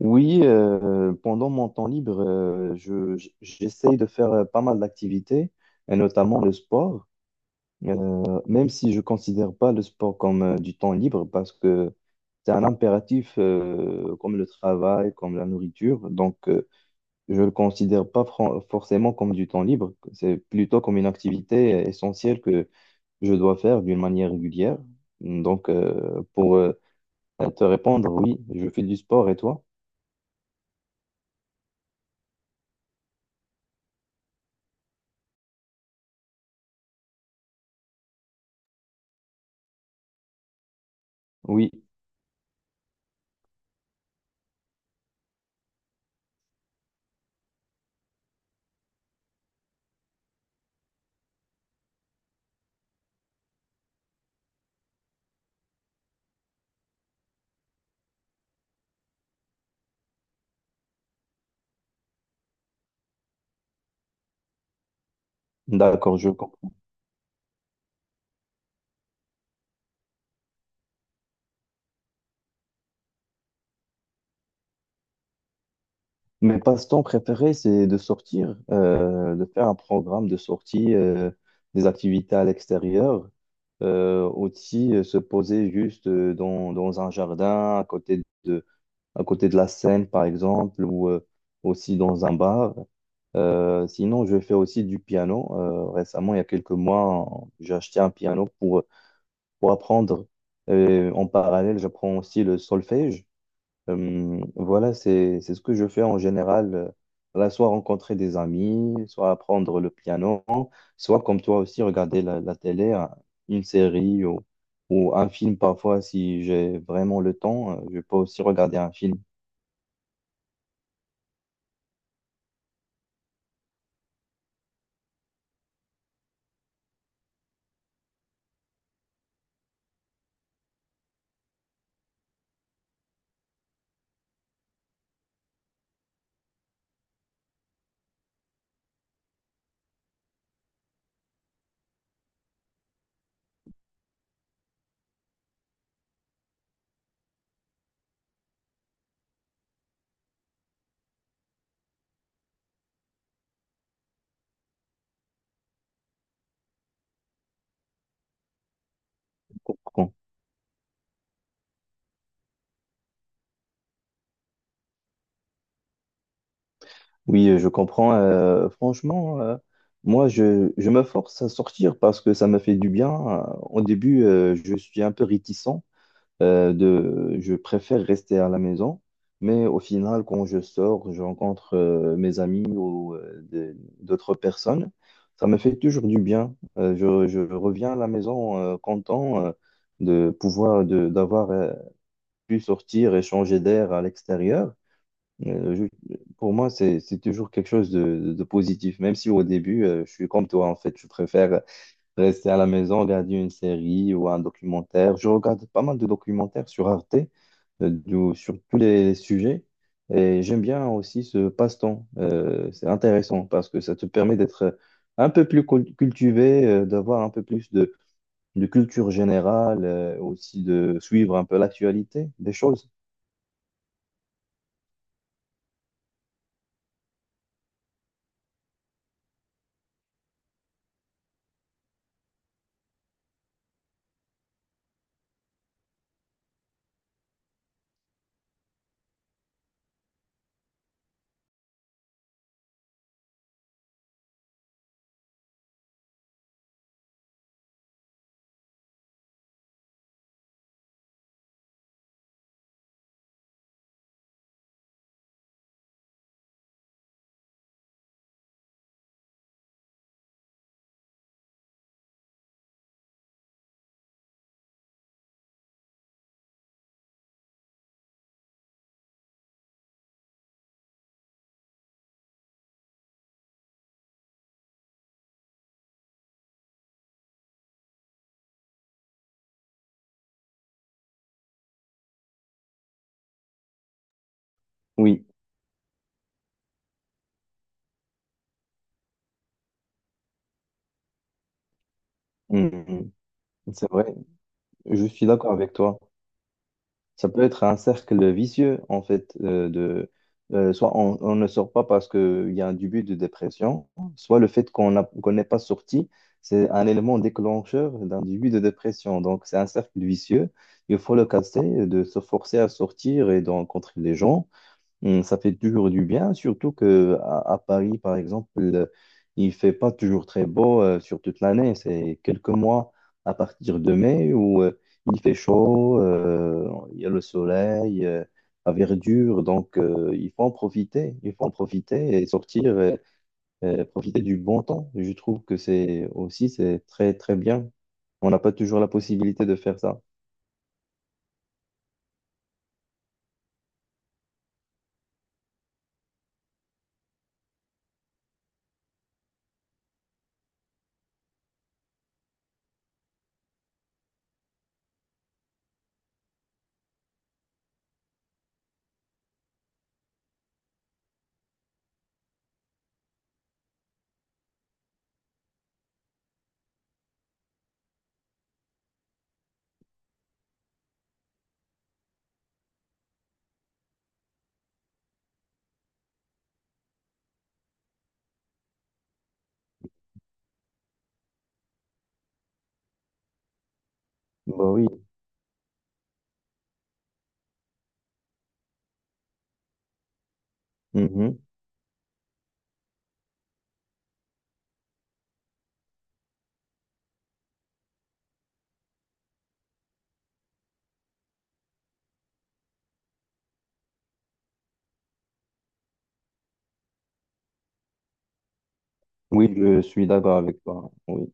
Oui, pendant mon temps libre, j'essaye de faire pas mal d'activités, et notamment le sport. Même si je considère pas le sport comme du temps libre parce que c'est un impératif comme le travail, comme la nourriture. Donc, je le considère pas fran- forcément comme du temps libre. C'est plutôt comme une activité essentielle que je dois faire d'une manière régulière. Donc, pour te répondre, oui, je fais du sport. Et toi? Oui, d'accord, je comprends. Mes passe-temps préférés, c'est de sortir, de faire un programme de sortie, des activités à l'extérieur, aussi se poser juste dans un jardin, à côté de la Seine, par exemple, ou aussi dans un bar. Sinon, je fais aussi du piano. Récemment, il y a quelques mois, j'ai acheté un piano pour apprendre. Et en parallèle, j'apprends aussi le solfège. Voilà, c'est ce que je fais en général. Voilà, soit rencontrer des amis, soit apprendre le piano, soit comme toi aussi, regarder la télé, une série ou un film parfois si j'ai vraiment le temps. Je peux aussi regarder un film. Comprends. Oui, je comprends. Franchement, je me force à sortir parce que ça me fait du bien. Au début, je suis un peu réticent. Je préfère rester à la maison, mais au final, quand je sors, je rencontre mes amis ou d'autres personnes. Ça me fait toujours du bien. Je reviens à la maison content d'avoir pu sortir et changer d'air à l'extérieur. Euh, je- pour moi, c'est toujours quelque chose de positif, même si au début, je suis comme toi, en fait, je préfère rester à la maison, regarder une série ou un documentaire. Je regarde pas mal de documentaires sur Arte, sur tous les sujets. Et j'aime bien aussi ce passe-temps. C'est intéressant parce que ça te permet d'être un peu plus cultivé, d'avoir un peu plus de culture générale, aussi de suivre un peu l'actualité des choses. Oui. Mhm. C'est vrai, je suis d'accord avec toi. Ça peut être un cercle vicieux, en fait, soit on ne sort pas parce qu'il y a un début de dépression, soit le fait qu'on n'est pas sorti, c'est un élément déclencheur d'un début de dépression. Donc, c'est un cercle vicieux. Il faut le casser, de se forcer à sortir et de rencontrer les gens. Hmm. Ça fait toujours du bien, surtout que à Paris, par exemple, il fait pas toujours très beau sur toute l'année. C'est quelques mois à partir de mai où il fait chaud, il y a le soleil, la verdure, donc il faut en profiter, il faut en profiter et sortir, profiter du bon temps. Je trouve que c'est aussi c'est très très bien. On n'a pas toujours la possibilité de faire ça. Bah oui. Mhm. Oui, je suis d'accord avec toi. Oui.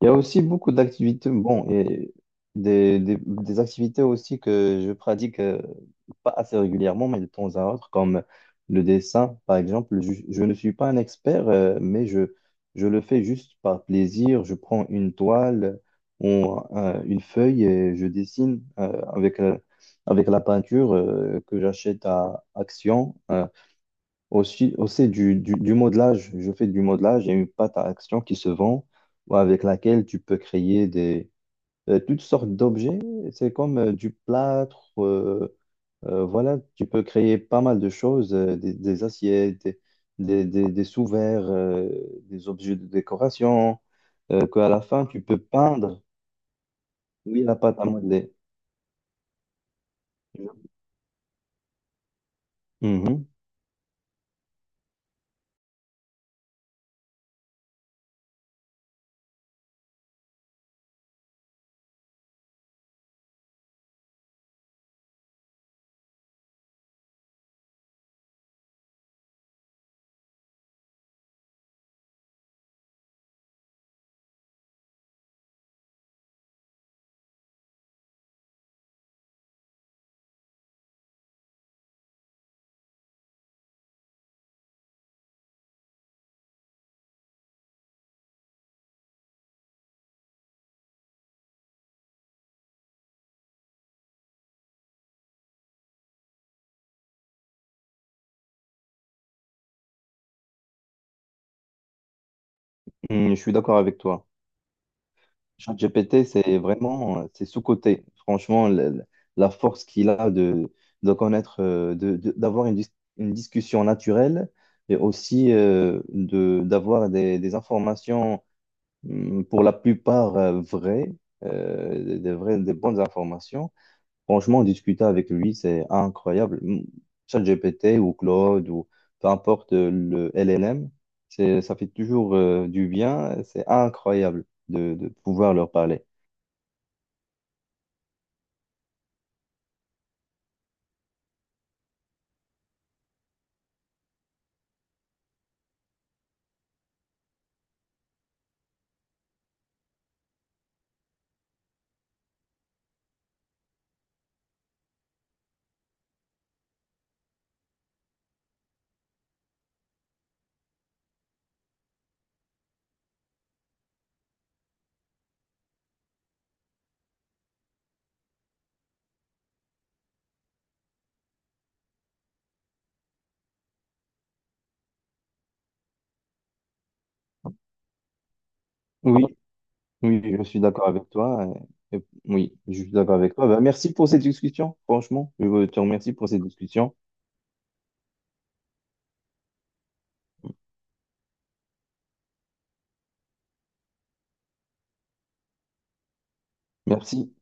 Il y a aussi beaucoup d'activités, bon, et des activités aussi que je pratique pas assez régulièrement, mais de temps à autre, comme le dessin, par exemple. Je ne suis pas un expert, je le fais juste par plaisir. Je prends une toile ou une feuille et je dessine avec la peinture que j'achète à Action. Aussi du modelage, je fais du modelage, il y a une pâte à action qui se vend ouais, avec laquelle tu peux créer des, toutes sortes d'objets. C'est comme du plâtre, voilà, tu peux créer pas mal de choses, des assiettes, des sous-verres, des objets de décoration, qu'à la fin, tu peux peindre. Oui, la pâte à modeler. Mhm. Mhm, je suis d'accord avec toi. ChatGPT, c'est vraiment, c'est sous-coté. Franchement, la force qu'il a de connaître, d'avoir une discussion naturelle et aussi d'avoir des informations pour la plupart vraies, des bonnes informations. Franchement, discuter avec lui, c'est incroyable. ChatGPT ou Claude ou peu importe le LLM, ça fait toujours du bien. C'est incroyable de pouvoir leur parler. Oui, oui, je suis d'accord avec toi. Oui, je suis d'accord avec toi. Ben, merci pour cette discussion, franchement. Je te remercie pour cette discussion. Merci.